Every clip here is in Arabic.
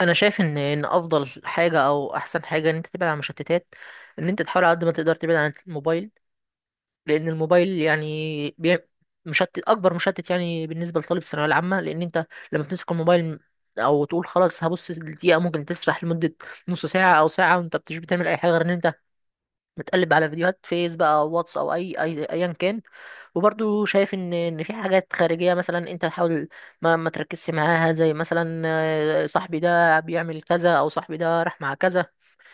انا شايف ان افضل حاجه او احسن حاجه ان انت تبعد عن المشتتات. ان انت تحاول على قد ما تقدر تبعد عن الموبايل، لان الموبايل يعني بي... مشتت، اكبر مشتت يعني بالنسبه لطالب الثانويه العامه، لان انت لما بتمسك الموبايل او تقول خلاص هبص دقيقه ممكن تسرح لمده نص ساعه او ساعه، وانت مش بتعمل اي حاجه غير ان انت بتقلب على فيديوهات فيس بقى واتس او اي ايا كان. وبرضو شايف ان في حاجات خارجيه، مثلا انت تحاول ما تركزش معاها، زي مثلا صاحبي ده بيعمل كذا او صاحبي ده راح مع كذا.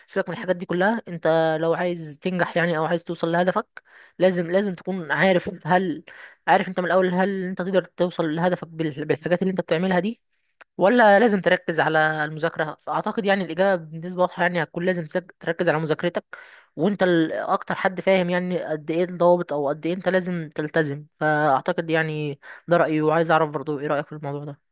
سيبك من الحاجات دي كلها، انت لو عايز تنجح يعني او عايز توصل لهدفك، لازم تكون عارف هل... عارف انت من الاول هل انت تقدر توصل لهدفك بالحاجات اللي انت بتعملها دي، ولا لازم تركز على المذاكرة. أعتقد يعني الإجابة بالنسبة واضحة، يعني هتكون لازم تركز على مذاكرتك، وأنت أكتر حد فاهم يعني قد إيه الضوابط أو قد إيه أنت لازم تلتزم، فأعتقد يعني ده رأيي، وعايز أعرف برضو إيه رأيك في الموضوع ده.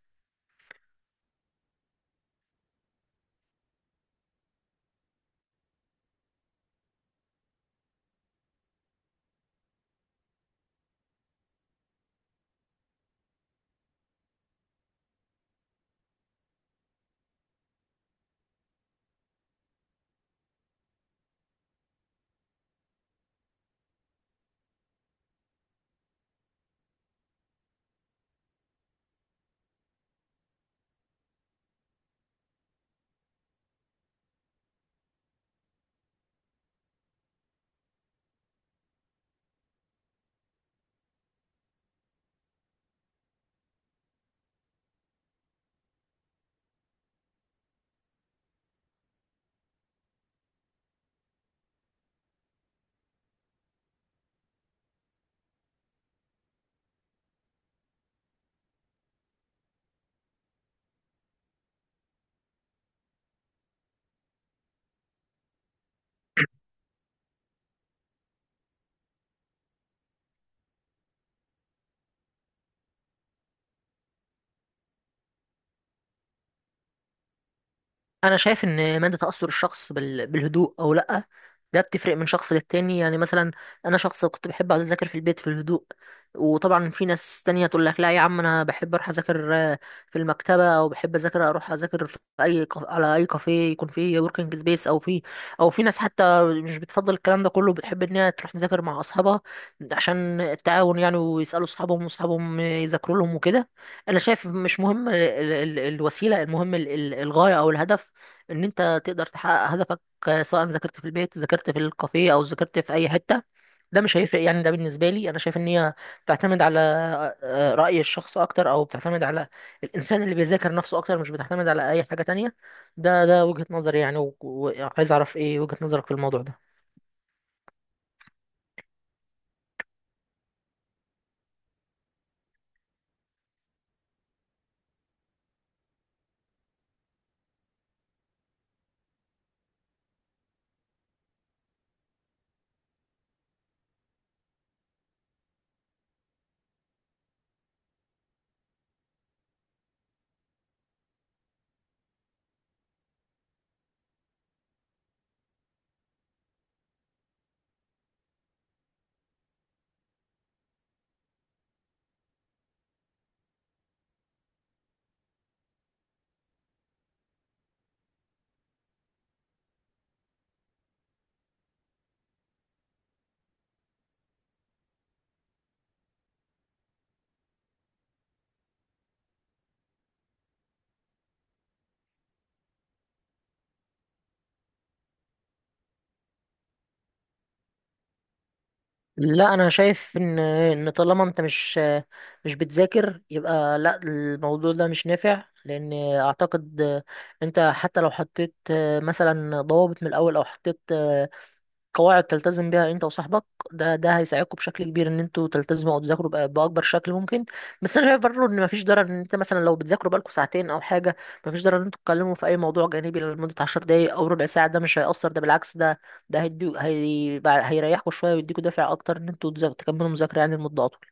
انا شايف ان مدى تاثر الشخص بالهدوء او لا، ده بتفرق من شخص للتاني. يعني مثلا انا شخص كنت بحب اقعد اذاكر في البيت في الهدوء، وطبعا في ناس تانية تقول لك لا يا عم، انا بحب اروح اذاكر في المكتبه، او بحب اذاكر اروح اذاكر في اي على اي كافيه يكون فيه وركينج سبيس، او في... ناس حتى مش بتفضل الكلام ده كله، بتحب ان هي تروح تذاكر مع اصحابها عشان التعاون يعني، ويسالوا اصحابهم واصحابهم يذاكروا لهم وكده. انا شايف مش مهم الوسيله، المهم الغايه او الهدف، ان انت تقدر تحقق هدفك. آه، سواء ذاكرت في البيت، ذاكرت في الكافيه، او ذاكرت في اي حته، ده مش هيفرق يعني. ده بالنسبه لي، انا شايف ان هي بتعتمد على آه، راي الشخص اكتر، او بتعتمد على الانسان اللي بيذاكر نفسه اكتر، مش بتعتمد على اي حاجه تانية. ده وجهه نظري يعني، وعايز اعرف ايه وجهه نظرك في الموضوع ده. لا انا شايف ان طالما انت مش بتذاكر، يبقى لا، الموضوع ده مش نافع. لان اعتقد انت حتى لو حطيت مثلا ضوابط من الاول، او حطيت قواعد تلتزم بيها انت وصاحبك، ده هيساعدكم بشكل كبير ان انتوا تلتزموا او تذاكروا باكبر شكل ممكن. بس انا شايف برضه ان مفيش ضرر ان انت مثلا لو بتذاكروا بقالكم ساعتين او حاجه، مفيش ضرر ان انتوا تتكلموا في اي موضوع جانبي لمده 10 دقايق او ربع ساعه. ده مش هيأثر، ده بالعكس، هيريحكم شويه، ويديكوا دافع اكتر ان انتوا تكملوا مذاكره يعني لمده اطول.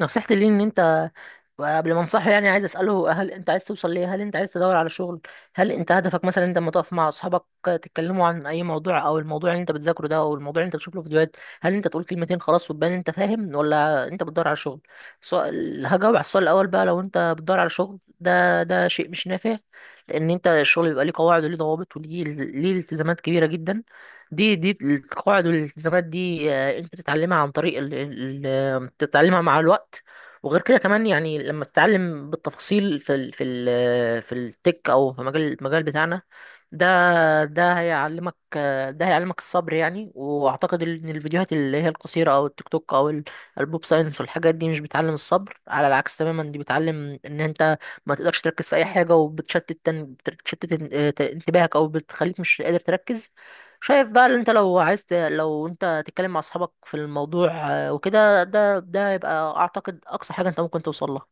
نصيحتي ليه ان انت، وقبل ما انصحه يعني، عايز اساله هل انت عايز توصل ليه؟ هل انت عايز تدور على شغل؟ هل انت هدفك مثلا، انت لما تقف مع اصحابك تتكلموا عن اي موضوع او الموضوع اللي انت بتذاكره ده او الموضوع اللي انت بتشوف له فيديوهات، هل انت تقول كلمتين خلاص وتبان انت فاهم، ولا انت بتدور على شغل؟ سؤال هجاوب على السؤال الاول بقى. لو انت بتدور على شغل، ده شيء مش نافع، لان انت الشغل بيبقى ليه قواعد وليه ضوابط وليه التزامات كبيره جدا. دي القواعد والالتزامات دي، آه، انت تتعلمها عن طريق تتعلمها مع الوقت. وغير كده كمان، يعني لما تتعلم بالتفاصيل في التك، او في المجال بتاعنا ده ده هيعلمك ده هيعلمك الصبر يعني. واعتقد ان الفيديوهات اللي هي القصيره او التيك توك او البوب ساينس والحاجات دي مش بتعلم الصبر، على العكس تماما، دي بتعلم ان انت ما تقدرش تركز في اي حاجه، وبتشتت تن- بتشتت ان- اه، انتباهك، او بتخليك مش قادر تركز. شايف بقى اللي انت لو عايز لو انت تتكلم مع اصحابك في الموضوع آه، وكده، ده هيبقى اعتقد اقصى حاجة انت ممكن توصل لها.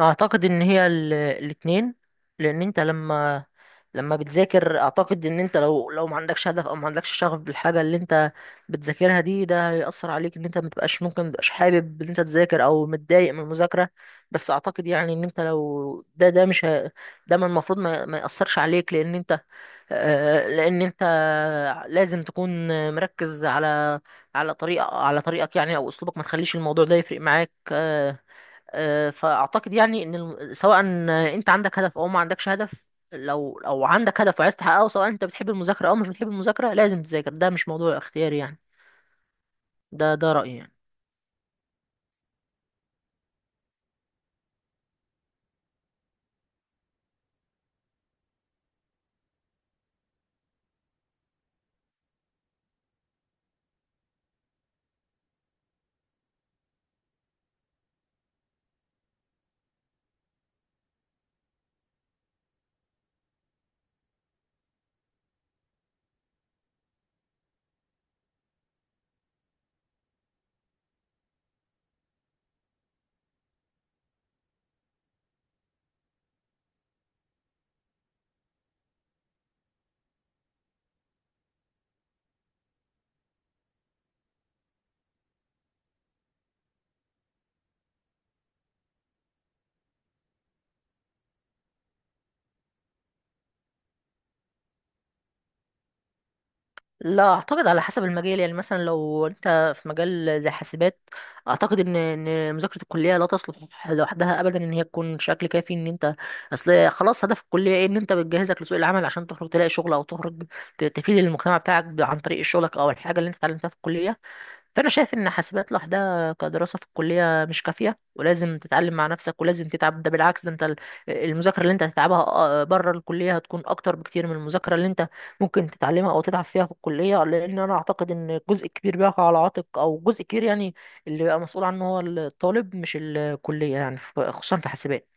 اعتقد ان هي الاتنين، لان انت لما بتذاكر. اعتقد ان انت لو ما عندكش هدف او ما عندكش شغف بالحاجة اللي انت بتذاكرها دي، ده هيأثر عليك، ان انت متبقاش، ممكن متبقاش حابب ان انت تذاكر، او متضايق من المذاكرة. بس اعتقد يعني ان انت لو ده ده مش هي- ده من المفروض ما يأثرش عليك، لان انت آه، لان انت لازم تكون مركز على على طريقه على طريقك يعني او اسلوبك، ما تخليش الموضوع ده يفرق معاك آه، آه، فاعتقد يعني ان سواء انت عندك هدف او ما عندكش هدف، لو عندك هدف وعايز تحققه، سواء انت بتحب المذاكره او مش بتحب المذاكره، لازم تذاكر، ده مش موضوع اختياري يعني. ده رايي يعني. لا اعتقد على حسب المجال. يعني مثلا لو انت في مجال زي حاسبات، اعتقد ان مذاكره الكليه لا تصلح لوحدها ابدا ان هي تكون شكل كافي ان انت... اصل خلاص هدف الكليه ايه؟ ان انت بتجهزك لسوق العمل عشان تخرج تلاقي شغل، او تخرج تفيد المجتمع بتاعك عن طريق شغلك او الحاجه اللي انت اتعلمتها في الكليه. فانا شايف ان حاسبات لوحدها كدراسه في الكليه مش كافيه، ولازم تتعلم مع نفسك ولازم تتعب. ده بالعكس، ده انت المذاكره اللي انت هتتعبها بره الكليه هتكون اكتر بكتير من المذاكره اللي انت ممكن تتعلمها او تتعب فيها في الكليه، لان انا اعتقد ان جزء كبير بيقع على عاتق، او جزء كبير يعني اللي بيبقى مسؤول عنه هو الطالب مش الكليه يعني، خصوصا في حاسبات.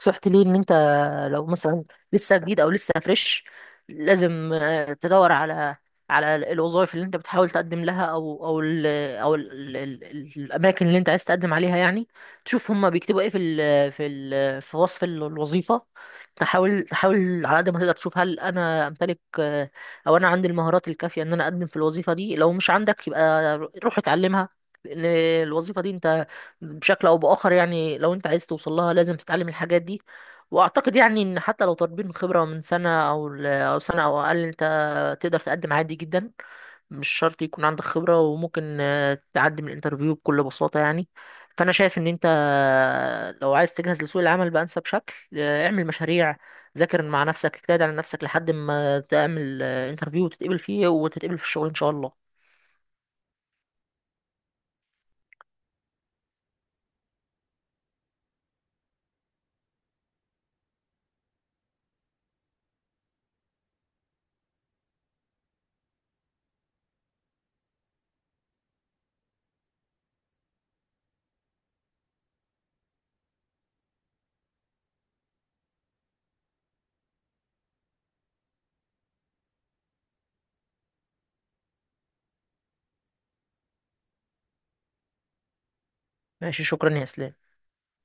نصيحتي ليه ان انت لو مثلا لسه جديد او لسه فريش، لازم آه، تدور على على الوظائف اللي انت بتحاول تقدم لها، او او ال او ال ال ال الاماكن اللي انت عايز تقدم عليها يعني. تشوف هما بيكتبوا ايه في وصف الوظيفه. تحاول على قد ما تقدر تشوف هل انا امتلك آه، او انا عندي المهارات الكافيه ان انا اقدم في الوظيفه دي. لو مش عندك، يبقى روح اتعلمها، لان الوظيفه دي انت بشكل او باخر يعني، لو انت عايز توصل لها لازم تتعلم الحاجات دي. واعتقد يعني ان حتى لو طالبين خبره من سنه او سنه او اقل، انت تقدر تقدم عادي جدا، مش شرط يكون عندك خبره، وممكن آه، تعدي من الانترفيو بكل بساطه يعني. فانا شايف ان انت آه، لو عايز تجهز لسوق العمل بانسب شكل، آه، اعمل مشاريع، ذاكر مع نفسك، اجتهد على نفسك، لحد ما تعمل انترفيو وتتقبل فيه وتتقبل في الشغل ان شاء الله. ماشي، شكرا يا اسلام.